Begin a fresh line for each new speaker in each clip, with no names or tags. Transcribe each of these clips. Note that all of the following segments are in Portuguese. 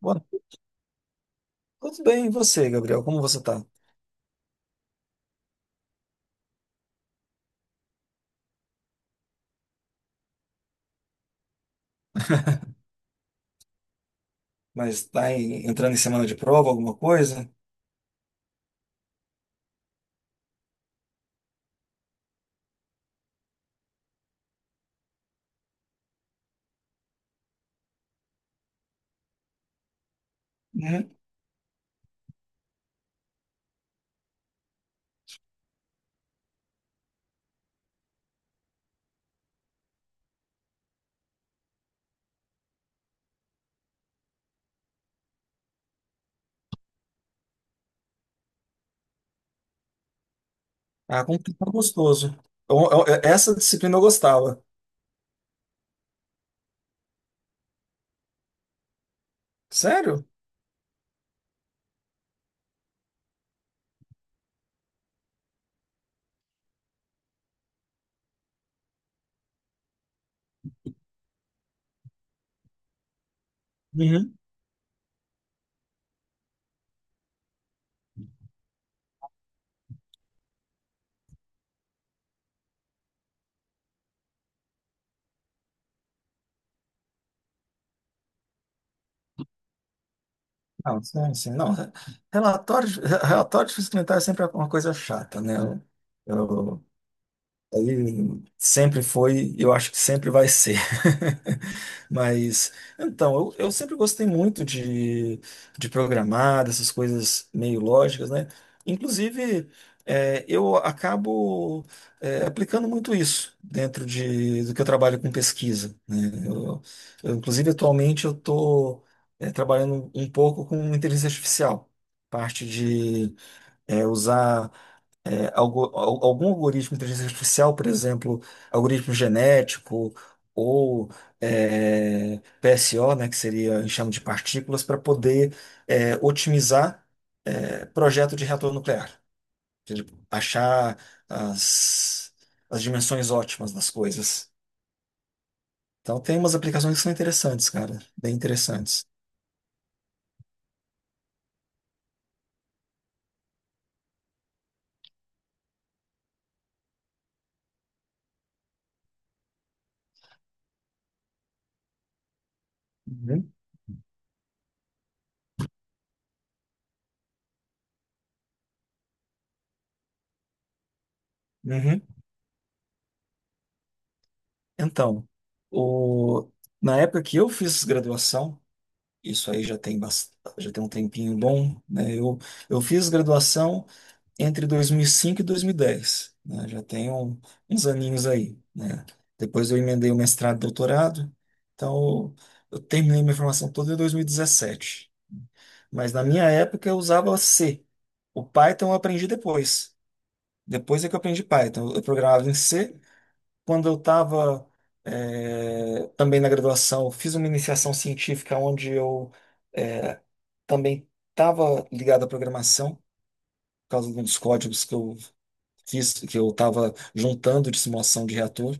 Noite. Tudo bem, e você, Gabriel? Como você tá? Mas tá entrando em semana de prova, alguma coisa? Uhum. Ah, como que tá gostoso. Essa disciplina eu gostava. Sério? Uhum. Não, sim, sim, não. Relatório, relatório de fiscalização é sempre uma coisa chata, né? Eu, aí sempre foi, e eu acho que sempre vai ser. Mas, então, eu sempre gostei muito de programar, dessas coisas meio lógicas, né? Inclusive, eu acabo, aplicando muito isso dentro de, do que eu trabalho com pesquisa, né? Eu, eu, inclusive, atualmente, eu estou trabalhando um pouco com inteligência artificial, parte de, usar algum algoritmo de inteligência artificial, por exemplo, algoritmo genético ou PSO, né, que seria enxame de partículas, para poder otimizar projeto de reator nuclear. Ou seja, achar as, as dimensões ótimas das coisas. Então, tem umas aplicações que são interessantes, cara, bem interessantes. Uhum. Uhum. Então, o- na época que eu fiz graduação, isso aí já tem já tem um tempinho bom, né? Eu fiz graduação entre 2005 e 2010, né? Já tenho uns aninhos aí, né? Depois eu emendei o mestrado e doutorado, então eu terminei minha formação toda em 2017. Mas na minha época eu usava C. O Python eu aprendi depois. Depois é que eu aprendi Python. Eu programava em C. Quando eu estava também na graduação, eu fiz uma iniciação científica onde eu eh, também estava ligado à programação, por causa de uns códigos que eu fiz, que eu estava juntando de simulação de reator.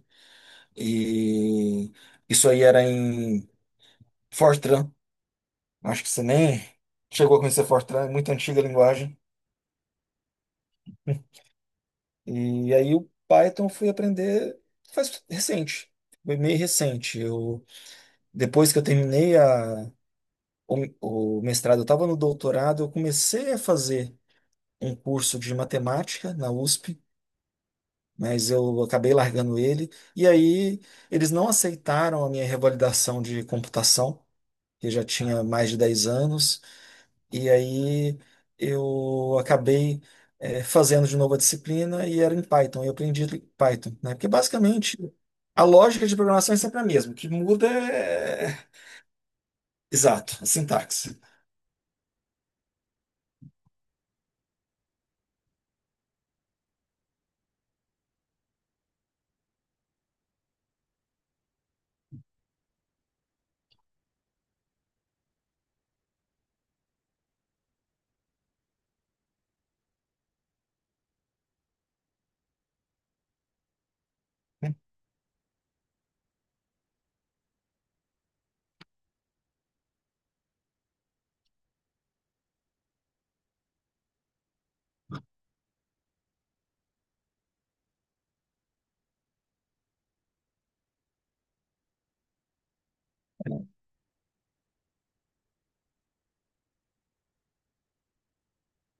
E isso aí era em Fortran. Acho que você nem chegou a conhecer Fortran, é muito antiga a linguagem. E aí o Python eu fui aprender faz recente, foi meio recente. Eu, depois que eu terminei o mestrado, eu estava no doutorado, eu comecei a fazer um curso de matemática na USP, mas eu acabei largando ele. E aí eles não aceitaram a minha revalidação de computação, que eu já tinha mais de 10 anos, e aí eu acabei fazendo de novo a disciplina e era em Python, eu aprendi Python, né? Porque basicamente a lógica de programação é sempre a mesma, o que muda é... Exato, a sintaxe.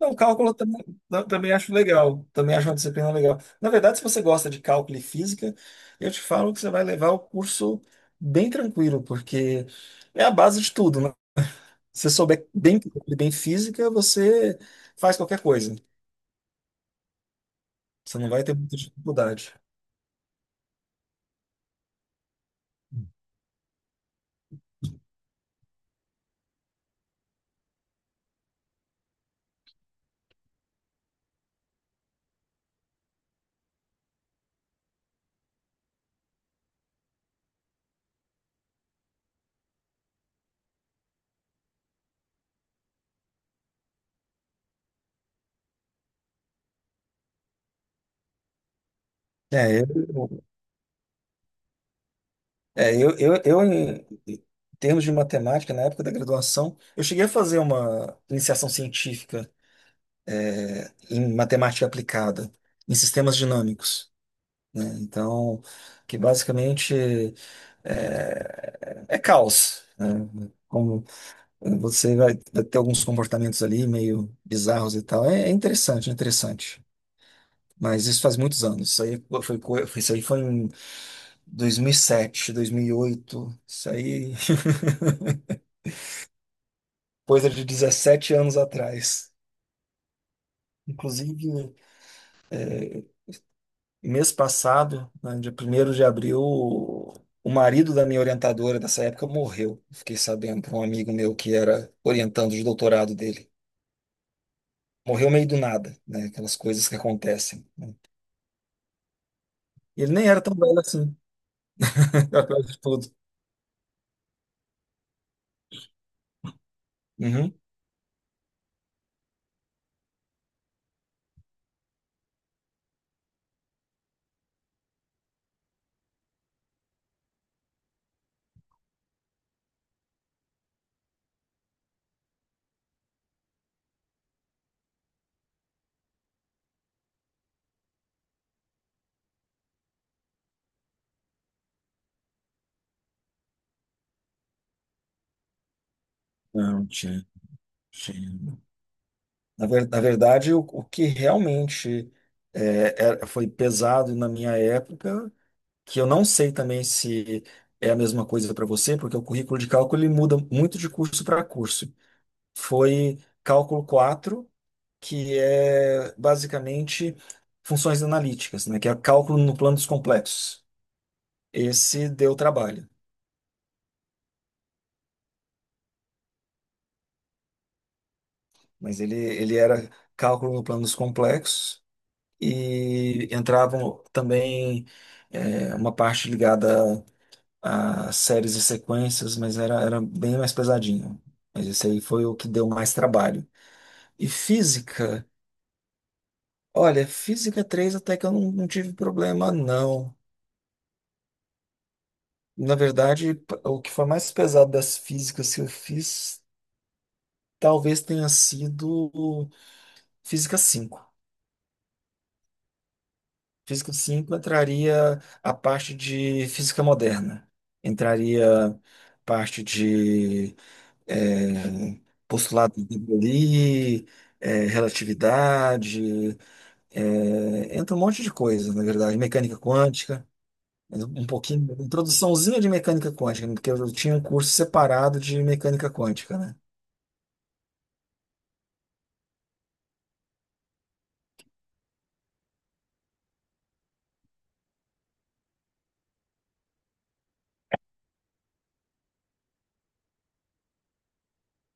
Não, cálculo eu também acho legal. Também acho uma disciplina legal. Na verdade, se você gosta de cálculo e física, eu te falo que você vai levar o curso bem tranquilo, porque é a base de tudo, né? Se você souber bem, cálculo e bem física, você faz qualquer coisa. Você não vai ter muita dificuldade. É, eu, eu, em termos de matemática, na época da graduação, eu cheguei a fazer uma iniciação científica em matemática aplicada, em sistemas dinâmicos, né? Então, que basicamente é, é caos, né? Como você vai ter alguns comportamentos ali meio bizarros e tal. É, é interessante, é interessante. Mas isso faz muitos anos. Isso aí foi, isso aí foi em 2007, 2008. Isso aí coisa de 17 anos atrás. Inclusive, mês passado, né, dia 1 de abril, o marido da minha orientadora dessa época morreu. Fiquei sabendo por um amigo meu que era orientando de doutorado dele. Morreu meio do nada, né? Aquelas coisas que acontecem. E ele nem era tão velho assim, apesar de tudo. Uhum. Não, tinha, tinha. Na na verdade, o que realmente foi pesado na minha época, que eu não sei também se é a mesma coisa para você, porque o currículo de cálculo ele muda muito de curso para curso. Foi cálculo quatro, que é basicamente funções analíticas, né? Que é cálculo no plano dos complexos. Esse deu trabalho, mas ele era cálculo no plano dos complexos e entravam também uma parte ligada a séries e sequências, mas era bem mais pesadinho. Mas esse aí foi o que deu mais trabalho. E física, olha, física 3 até que eu não, não tive problema, não. Na verdade, o que foi mais pesado das físicas que eu fiz talvez tenha sido o física cinco. Física 5 entraria a parte de física moderna, entraria parte de é, postulado de Bernoulli, relatividade, entra um monte de coisa, na verdade, mecânica quântica, mas um pouquinho, introduçãozinha de mecânica quântica, né, porque eu tinha um curso separado de mecânica quântica, né?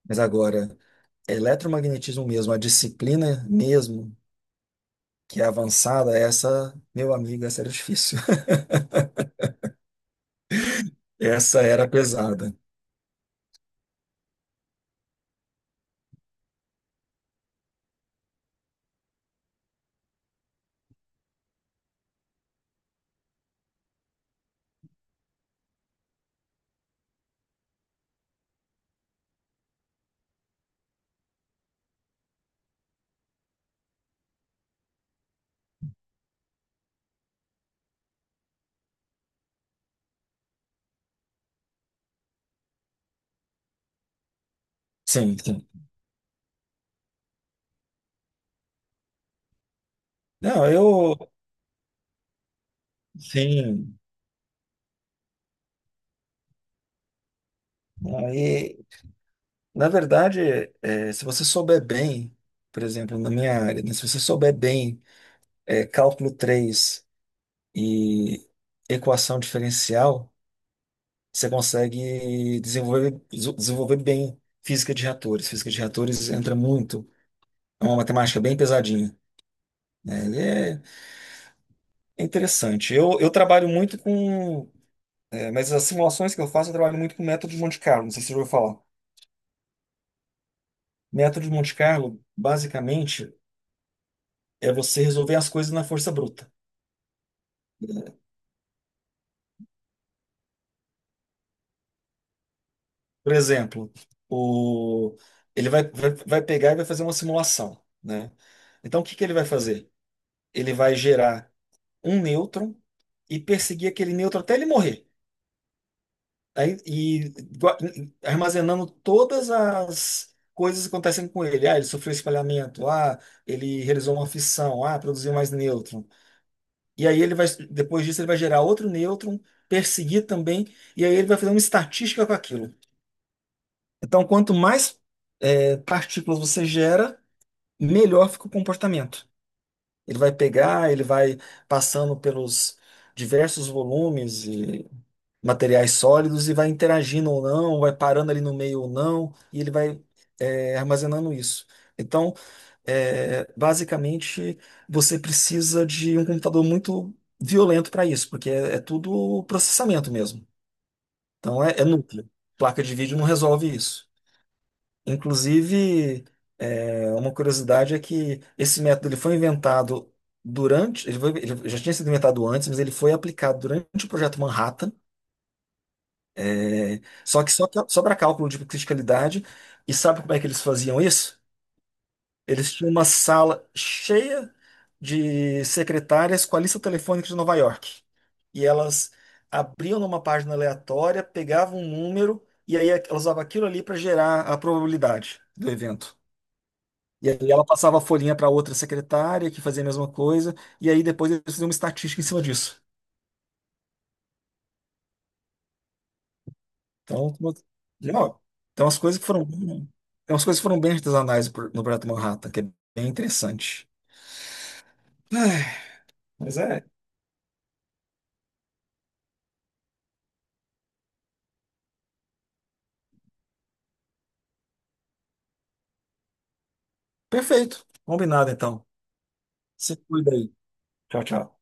Mas agora, eletromagnetismo mesmo, a disciplina mesmo, que é avançada, essa, meu amigo, essa era difícil. Essa era pesada. Sim, sim. Não, eu, sim. Na verdade, se você souber bem, por exemplo, na minha área, né, se você souber bem, cálculo 3 e equação diferencial, você consegue desenvolver bem física de reatores. Física de reatores entra muito, é uma matemática bem pesadinha, né? Ele É é interessante. Eu trabalho muito com, mas as simulações que eu faço, eu trabalho muito com método de Monte Carlo, não sei se você já ouviu falar. Método de Monte Carlo, basicamente, é você resolver as coisas na força bruta. Por exemplo, o... ele vai pegar e vai fazer uma simulação, né? Então, o que que ele vai fazer? Ele vai gerar um nêutron e perseguir aquele nêutron até ele morrer. Aí, e gua- armazenando todas as coisas que acontecem com ele. Ah, ele sofreu espalhamento. Ah, ele realizou uma fissão. Ah, produziu mais nêutron. E aí depois disso, ele vai gerar outro nêutron, perseguir também, e aí ele vai fazer uma estatística com aquilo. Então, quanto mais partículas você gera, melhor fica o comportamento. Ele vai passando pelos diversos volumes e materiais sólidos e vai interagindo ou não, vai parando ali no meio ou não, e ele vai armazenando isso. Então, basicamente, você precisa de um computador muito violento para isso, porque é tudo processamento mesmo. Então, é núcleo. Placa de vídeo não resolve isso. Inclusive, uma curiosidade é que esse método ele foi inventado durante, ele já tinha sido inventado antes, mas ele foi aplicado durante o projeto Manhattan, só para cálculo de criticalidade. E sabe como é que eles faziam isso? Eles tinham uma sala cheia de secretárias com a lista telefônica de Nova York. E elas abriam numa página aleatória, pegavam um número, e aí elas usavam aquilo ali para gerar a probabilidade do evento. E aí ela passava a folhinha para outra secretária que fazia a mesma coisa, e aí depois eles faziam uma estatística em cima disso. Então, uma- não, então as coisas foram, então as coisas foram bem artesanais no Projeto Manhattan, que é bem interessante. Ai, mas é, perfeito. Combinado então. Se cuida aí. Tchau, tchau.